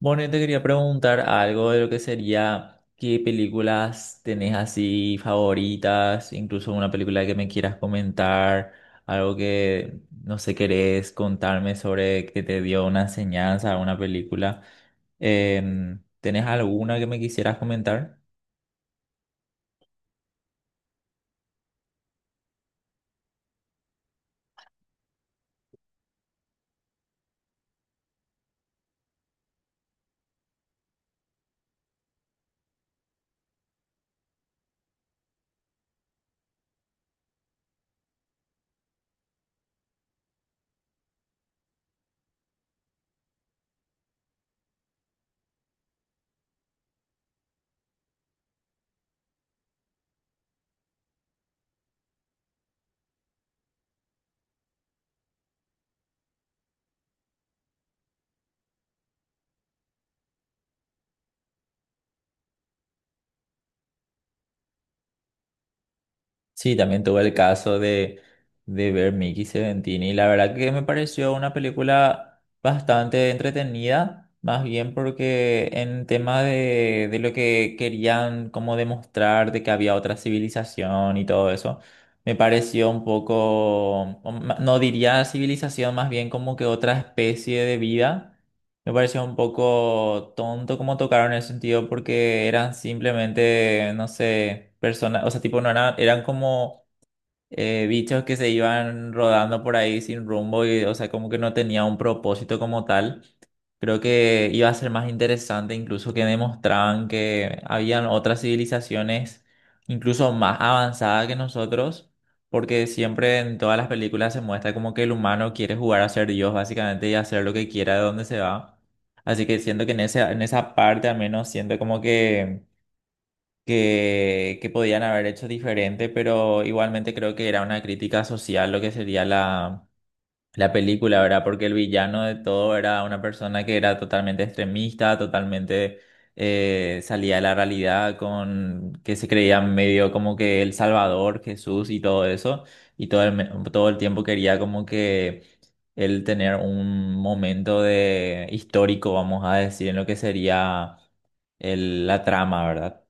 Bueno, yo te quería preguntar algo de lo que sería qué películas tenés así favoritas, incluso una película que me quieras comentar, algo que no sé, querés contarme sobre que te dio una enseñanza, una película. ¿Tenés alguna que me quisieras comentar? Sí, también tuve el caso de ver Mickey Seventini y la verdad que me pareció una película bastante entretenida, más bien porque en tema de lo que querían como demostrar de que había otra civilización y todo eso, me pareció un poco, no diría civilización, más bien como que otra especie de vida me pareció un poco tonto como tocaron el sentido porque eran simplemente, no sé, personas, o sea, tipo, no eran, eran como bichos que se iban rodando por ahí sin rumbo y, o sea, como que no tenía un propósito como tal. Creo que iba a ser más interesante incluso que demostraban que habían otras civilizaciones incluso más avanzadas que nosotros, porque siempre en todas las películas se muestra como que el humano quiere jugar a ser Dios básicamente y hacer lo que quiera de donde se va. Así que siento que en ese, en esa parte al menos siento como que, que podían haber hecho diferente, pero igualmente creo que era una crítica social lo que sería la película, ¿verdad? Porque el villano de todo era una persona que era totalmente extremista, totalmente salía de la realidad, con que se creía medio como que el Salvador, Jesús y todo eso, y todo el tiempo quería como que él tener un momento de histórico, vamos a decir, en lo que sería la trama, ¿verdad?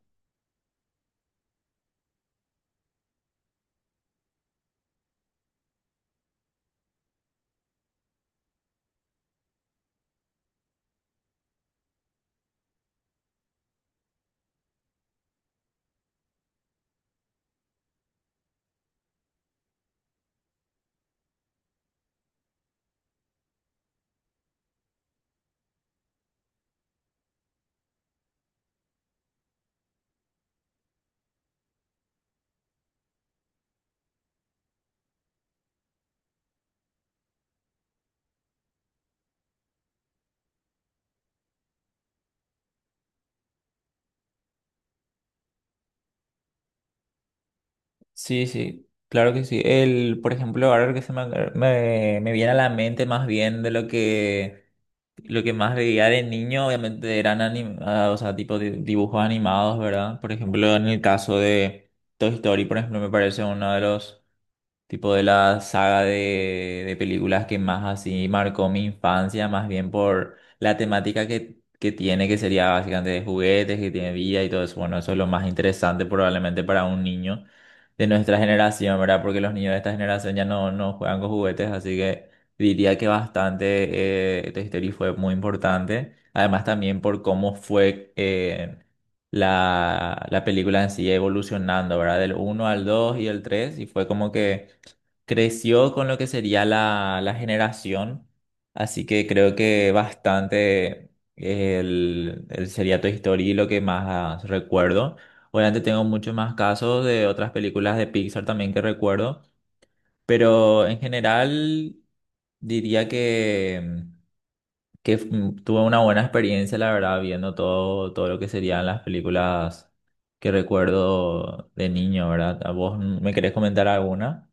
Sí, sí, claro que sí. El, por ejemplo, ahora que se me viene a la mente más bien de lo que más veía de niño, obviamente eran o sea, tipo dibujos animados, ¿verdad? Por ejemplo, en el caso de Toy Story, por ejemplo, me parece uno de los tipo de la saga de películas que más así marcó mi infancia, más bien por la temática que tiene, que sería básicamente de juguetes, que tiene vida y todo eso. Bueno, eso es lo más interesante probablemente para un niño de nuestra generación, ¿verdad? Porque los niños de esta generación ya no juegan con juguetes, así que diría que bastante Toy Story fue muy importante. Además también por cómo fue la película en sí evolucionando, ¿verdad? Del uno al 2 y el 3 y fue como que creció con lo que sería la generación, así que creo que bastante el sería Seriato History lo que más recuerdo. Obviamente tengo muchos más casos de otras películas de Pixar también que recuerdo, pero en general diría que, tuve una buena experiencia, la verdad, viendo todo, todo lo que serían las películas que recuerdo de niño, ¿verdad? ¿A vos me querés comentar alguna?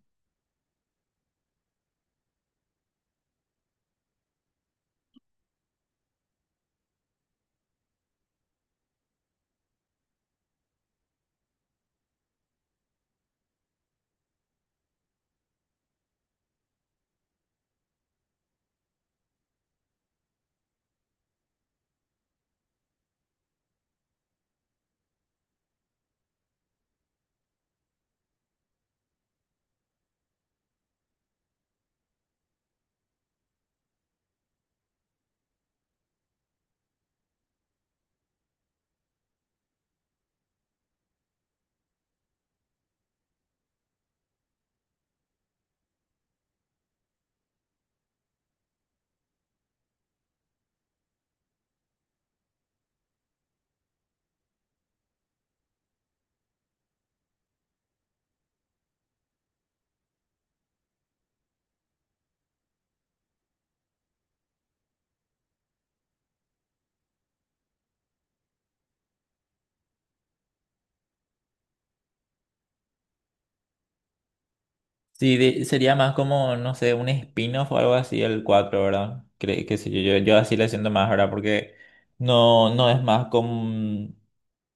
Sí, sería más como, no sé, un spin-off o algo así el 4, ¿verdad? Cre que sé yo, así le siento más, ¿verdad? Porque no es más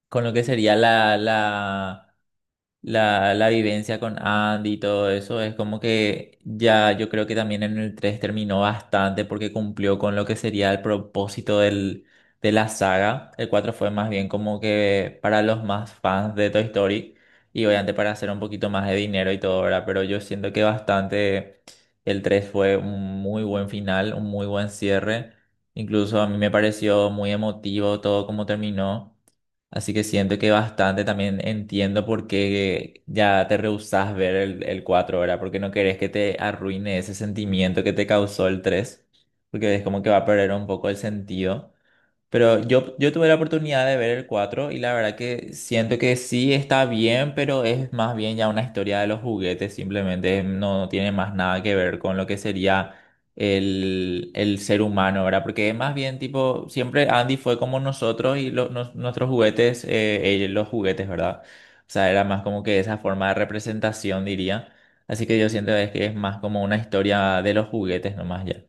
con lo que sería la vivencia con Andy y todo eso, es como que ya yo creo que también en el 3 terminó bastante porque cumplió con lo que sería el propósito del, de la saga. El 4 fue más bien como que para los más fans de Toy Story y obviamente para hacer un poquito más de dinero y todo, ¿verdad? Pero yo siento que bastante el 3 fue un muy buen final, un muy buen cierre. Incluso a mí me pareció muy emotivo todo como terminó. Así que siento que bastante también entiendo por qué ya te rehusás ver el cuatro, ¿verdad? Porque no querés que te arruine ese sentimiento que te causó el 3, porque es como que va a perder un poco el sentido. Pero yo tuve la oportunidad de ver el 4 y la verdad que siento que sí está bien, pero es más bien ya una historia de los juguetes, simplemente no tiene más nada que ver con lo que sería el ser humano, ¿verdad? Porque más bien tipo, siempre Andy fue como nosotros y nuestros juguetes, ellos los juguetes, ¿verdad? O sea, era más como que esa forma de representación, diría. Así que yo siento es que es más como una historia de los juguetes nomás ya.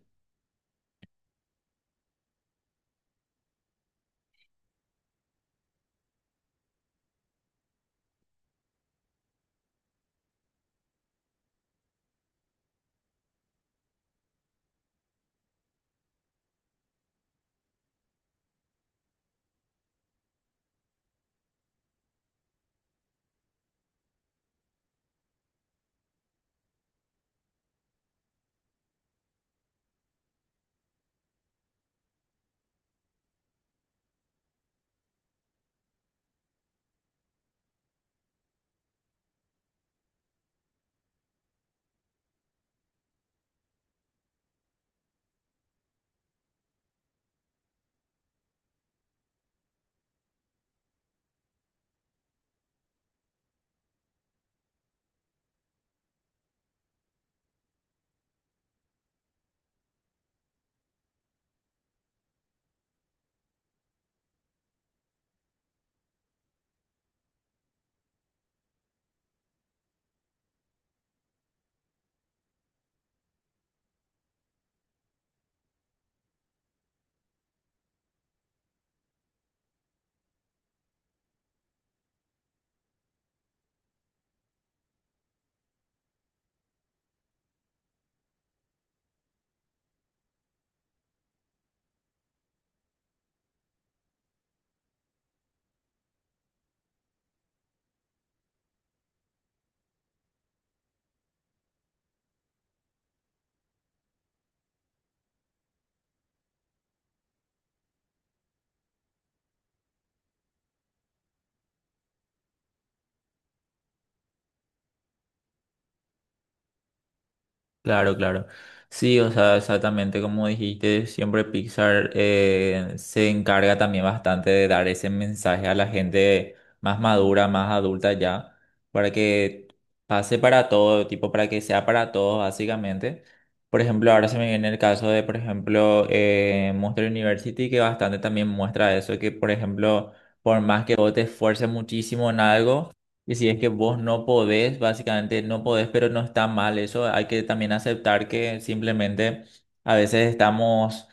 Claro, claro. Sí, o sea, exactamente como dijiste, siempre Pixar se encarga también bastante de dar ese mensaje a la gente más madura, más adulta ya, para que pase para todo, tipo, para que sea para todos, básicamente. Por ejemplo, ahora se me viene el caso de, por ejemplo, Monster University, que bastante también muestra eso, que, por ejemplo, por más que vos te esfuerces muchísimo en algo, y si es que vos no podés, básicamente no podés, pero no está mal eso. Hay que también aceptar que simplemente a veces estamos,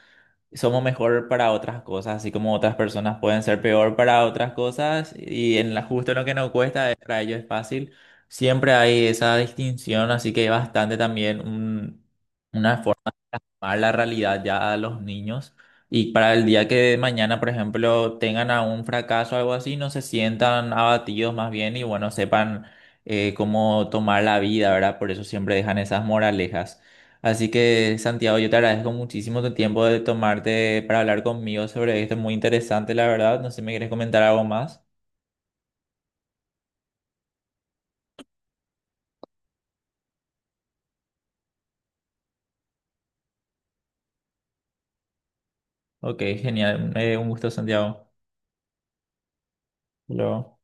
somos mejor para otras cosas, así como otras personas pueden ser peor para otras cosas. Y en la, justo en lo que nos cuesta, para ellos es fácil. Siempre hay esa distinción, así que hay bastante también una a la realidad ya a los niños y para el día que mañana, por ejemplo, tengan a un fracaso o algo así, no se sientan abatidos más bien y bueno, sepan cómo tomar la vida, ¿verdad? Por eso siempre dejan esas moralejas. Así que, Santiago, yo te agradezco muchísimo tu tiempo de tomarte para hablar conmigo sobre esto, es muy interesante, la verdad. No sé si me quieres comentar algo más. Ok, genial. Un gusto, Santiago. Hasta luego.